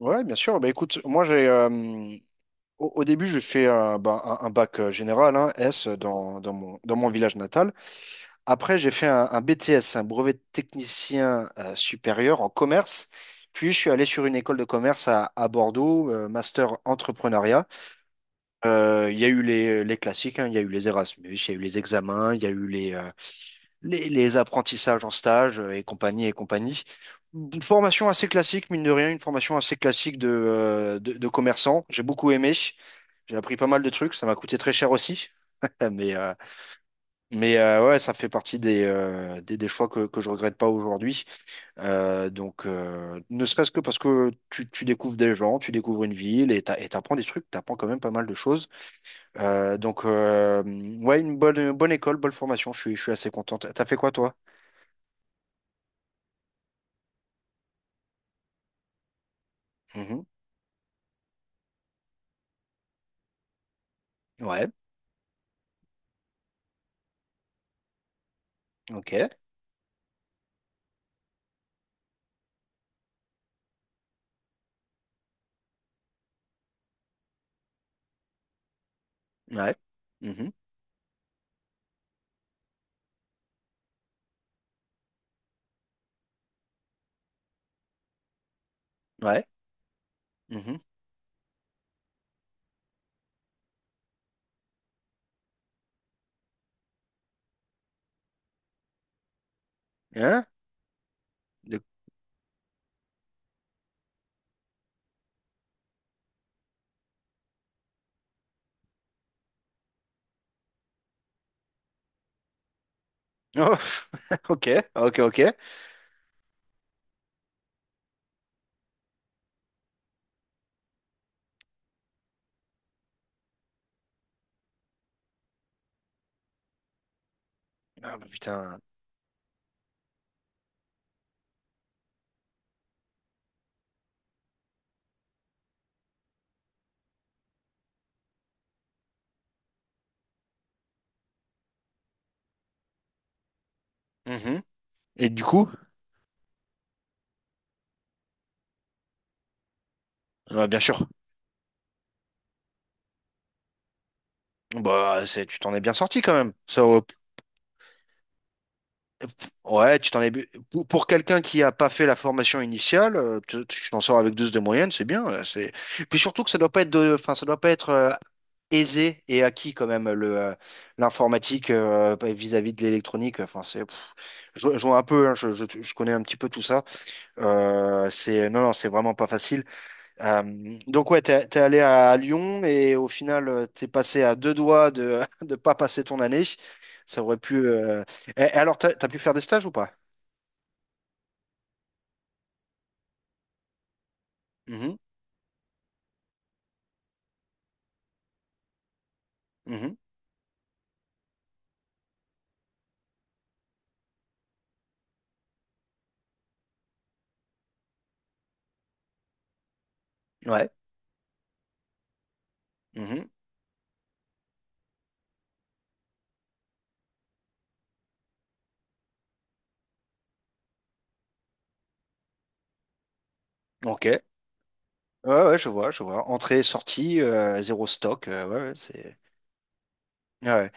Ouais, bien sûr. Bah, écoute, moi, j'ai au début, je fais un bac général, hein, S, dans mon village natal. Après, j'ai fait un BTS, un brevet de technicien supérieur en commerce. Puis, je suis allé sur une école de commerce à Bordeaux, master entrepreneuriat. Il y a eu les classiques, hein, il y a eu les Erasmus, il y a eu les examens, il y a eu les apprentissages en stage et compagnie et compagnie. Une formation assez classique, mine de rien, une formation assez classique de commerçant. J'ai beaucoup aimé. J'ai appris pas mal de trucs. Ça m'a coûté très cher aussi. Mais, euh, mais ouais, ça fait partie des des, choix que je regrette pas aujourd'hui. Donc, ne serait-ce que parce que tu découvres des gens, tu découvres une ville et t'apprends des trucs, t'apprends quand même pas mal de choses. Donc, ouais, une bonne école, bonne formation. Je suis assez contente. T'as fait quoi, toi? Mhm. Ouais. Ok, ouais, mhm, ouais, mhm, hein, de- oh, ok, ok, ok. Ah, bah, putain, mhm. Et du coup, ah, bien sûr, bah c'est, tu t'en es bien sorti quand même. P- ouais, tu t'en es bu- pour quelqu'un qui a pas fait la formation initiale, tu t'en sors avec 12 de moyenne, c'est bien. C'est puis surtout que ça doit pas être de, enfin ça doit pas être aisé et acquis quand même le l'informatique vis-à-vis de l'électronique. Enfin c'est, pff, je vois un peu, hein, je connais un petit peu tout ça. C'est non, non, c'est vraiment pas facile. Donc, ouais, t'es allé à Lyon et au final, t'es passé à deux doigts de de pas passer ton année. Ça aurait pu. Alors, t'as pu faire des stages ou pas? Mhm, mhm, ouais. Mhm, ok. Ouais, je vois. Entrée, sortie, zéro stock. Ouais, ouais, c'est. Ouais, ouais,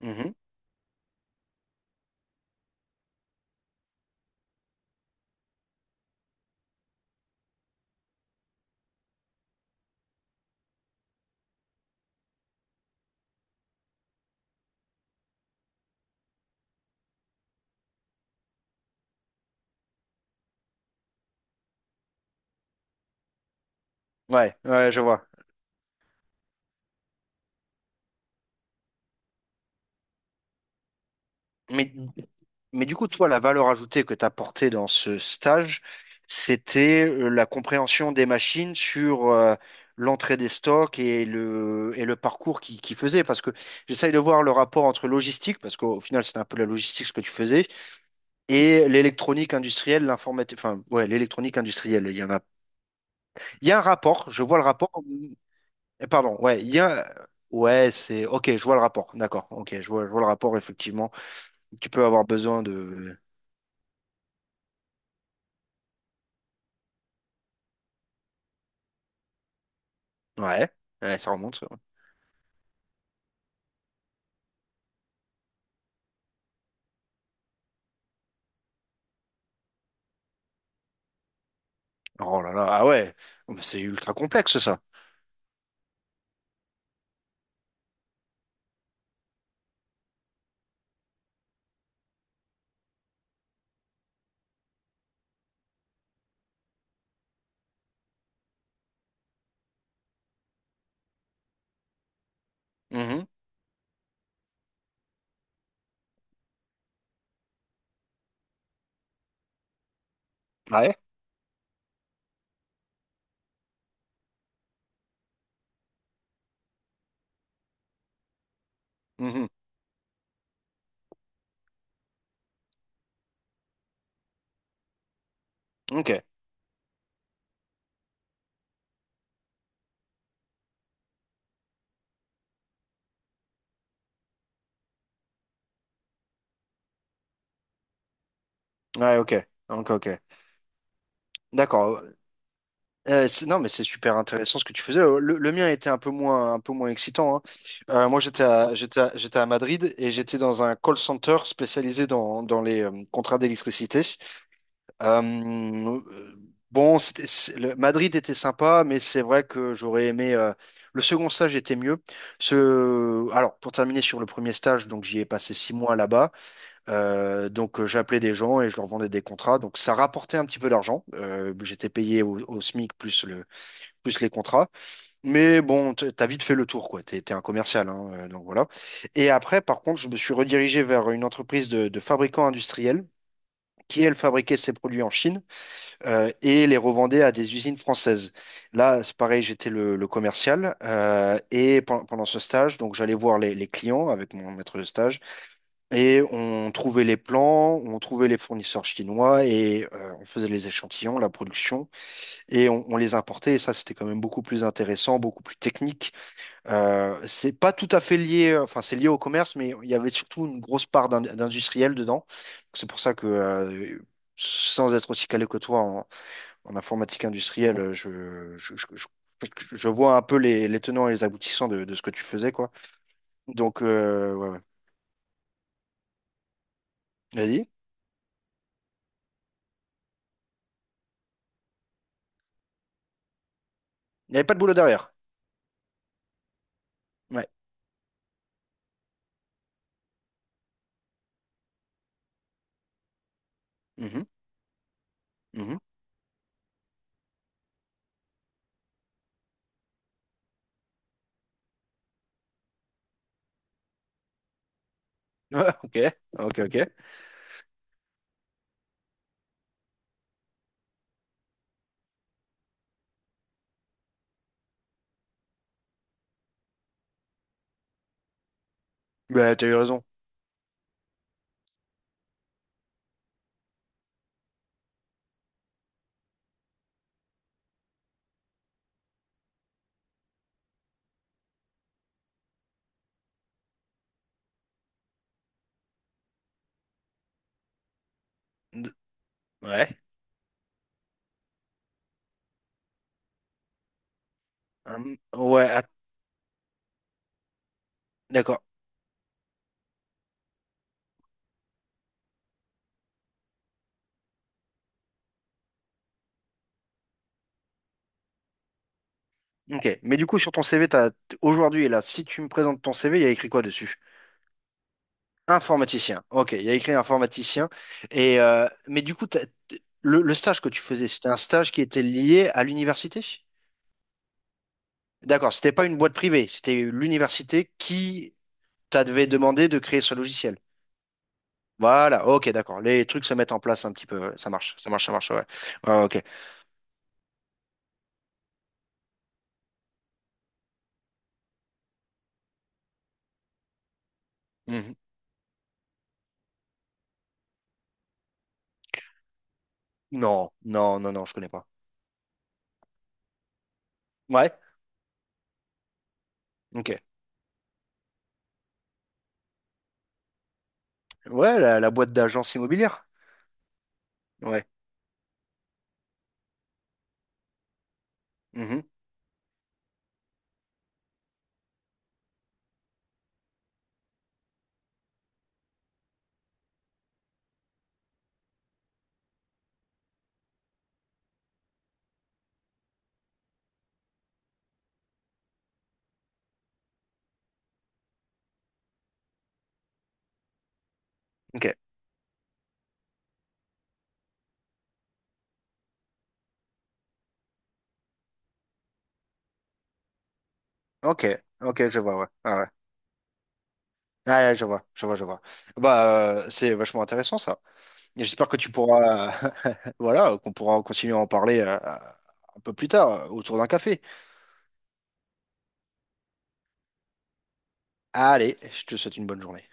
mhm, ouais, ouais, je vois. Mais Mais du coup, toi, la valeur ajoutée que tu as apportée dans ce stage, c'était la compréhension des machines sur l'entrée des stocks et le parcours qui faisait. Parce que j'essaye de voir le rapport entre logistique, parce qu'au final, c'était un peu la logistique ce que tu faisais, et l'électronique industrielle, l'informatique, enfin, ouais, l'électronique industrielle. Il y en a. Il y a un rapport, je vois le rapport. Eh, pardon, ouais, il y a. Ouais, c'est. Ok, je vois le rapport, d'accord. Ok, je vois le rapport, effectivement. Tu peux avoir besoin de. Ouais, ouais, ça remonte. Oh là là, ah ouais, oh, mais c'est ultra complexe ça. Mhm. Ouais. Mhm. Ok. Ouais, ok. Ok, ok. D'accord. Non, mais c'est super intéressant ce que tu faisais. Le mien était un peu moins excitant, hein. Moi, j'étais à Madrid et j'étais dans un call center spécialisé dans les contrats d'électricité. Euh, euh, Madrid était sympa, mais c'est vrai que j'aurais aimé. Le second stage était mieux. Alors, pour terminer sur le premier stage, donc j'y ai passé 6 mois là-bas. J'appelais des gens et je leur vendais des contrats. Donc, ça rapportait un petit peu d'argent. J'étais payé au SMIC plus les contrats. Mais bon, t'as vite fait le tour, quoi. T'es un commercial, hein, donc voilà. Et après, par contre, je me suis redirigé vers une entreprise de fabricants industriels qui, elle, fabriquait ses produits en Chine et les revendait à des usines françaises. Là, c'est pareil, j'étais le commercial et pendant ce stage, donc j'allais voir les clients avec mon maître de stage et on trouvait les plans, on trouvait les fournisseurs chinois et on faisait les échantillons, la production et on les importait. Et ça, c'était quand même beaucoup plus intéressant, beaucoup plus technique. C'est pas tout à fait lié, enfin c'est lié au commerce, mais il y avait surtout une grosse part d'industriel dedans. C'est pour ça que sans être aussi calé que toi en informatique industrielle, je, je- je- je vois un peu les tenants et les aboutissants de ce que tu faisais, quoi. Donc, ouais, ouais. Vas-y. Il n'y avait pas de boulot derrière. Ouais. Mhm, mhm. Ouais, ok, ok, ok. Bah, t'as eu raison. D- Ouais. Hum, ouais, att- d'accord. Ok. Mais du coup, sur ton CV, aujourd'hui, là, si tu me présentes ton CV, il y a écrit quoi dessus? Informaticien. Ok, il y a écrit informaticien. Mais du coup, le stage que tu faisais, c'était un stage qui était lié à l'université? D'accord, c'était pas une boîte privée, c'était l'université qui t'a devait demander de créer ce logiciel. Voilà, ok, d'accord. Les trucs se mettent en place un petit peu. Ouais. Ça marche, ça marche, ça marche, ouais. Ouais, ok. Mhm. Non, non, non, non, je connais pas. Ouais, ok. Ouais, la boîte d'agence immobilière. Ouais. Mhm. Ok, ok, ok, je vois, ouais. Ah ouais. Ah, ouais, je vois, je vois, je vois. Bah, c'est vachement intéressant ça. Et j'espère que tu pourras, voilà, qu'on pourra continuer à en parler un peu plus tard autour d'un café. Allez, je te souhaite une bonne journée.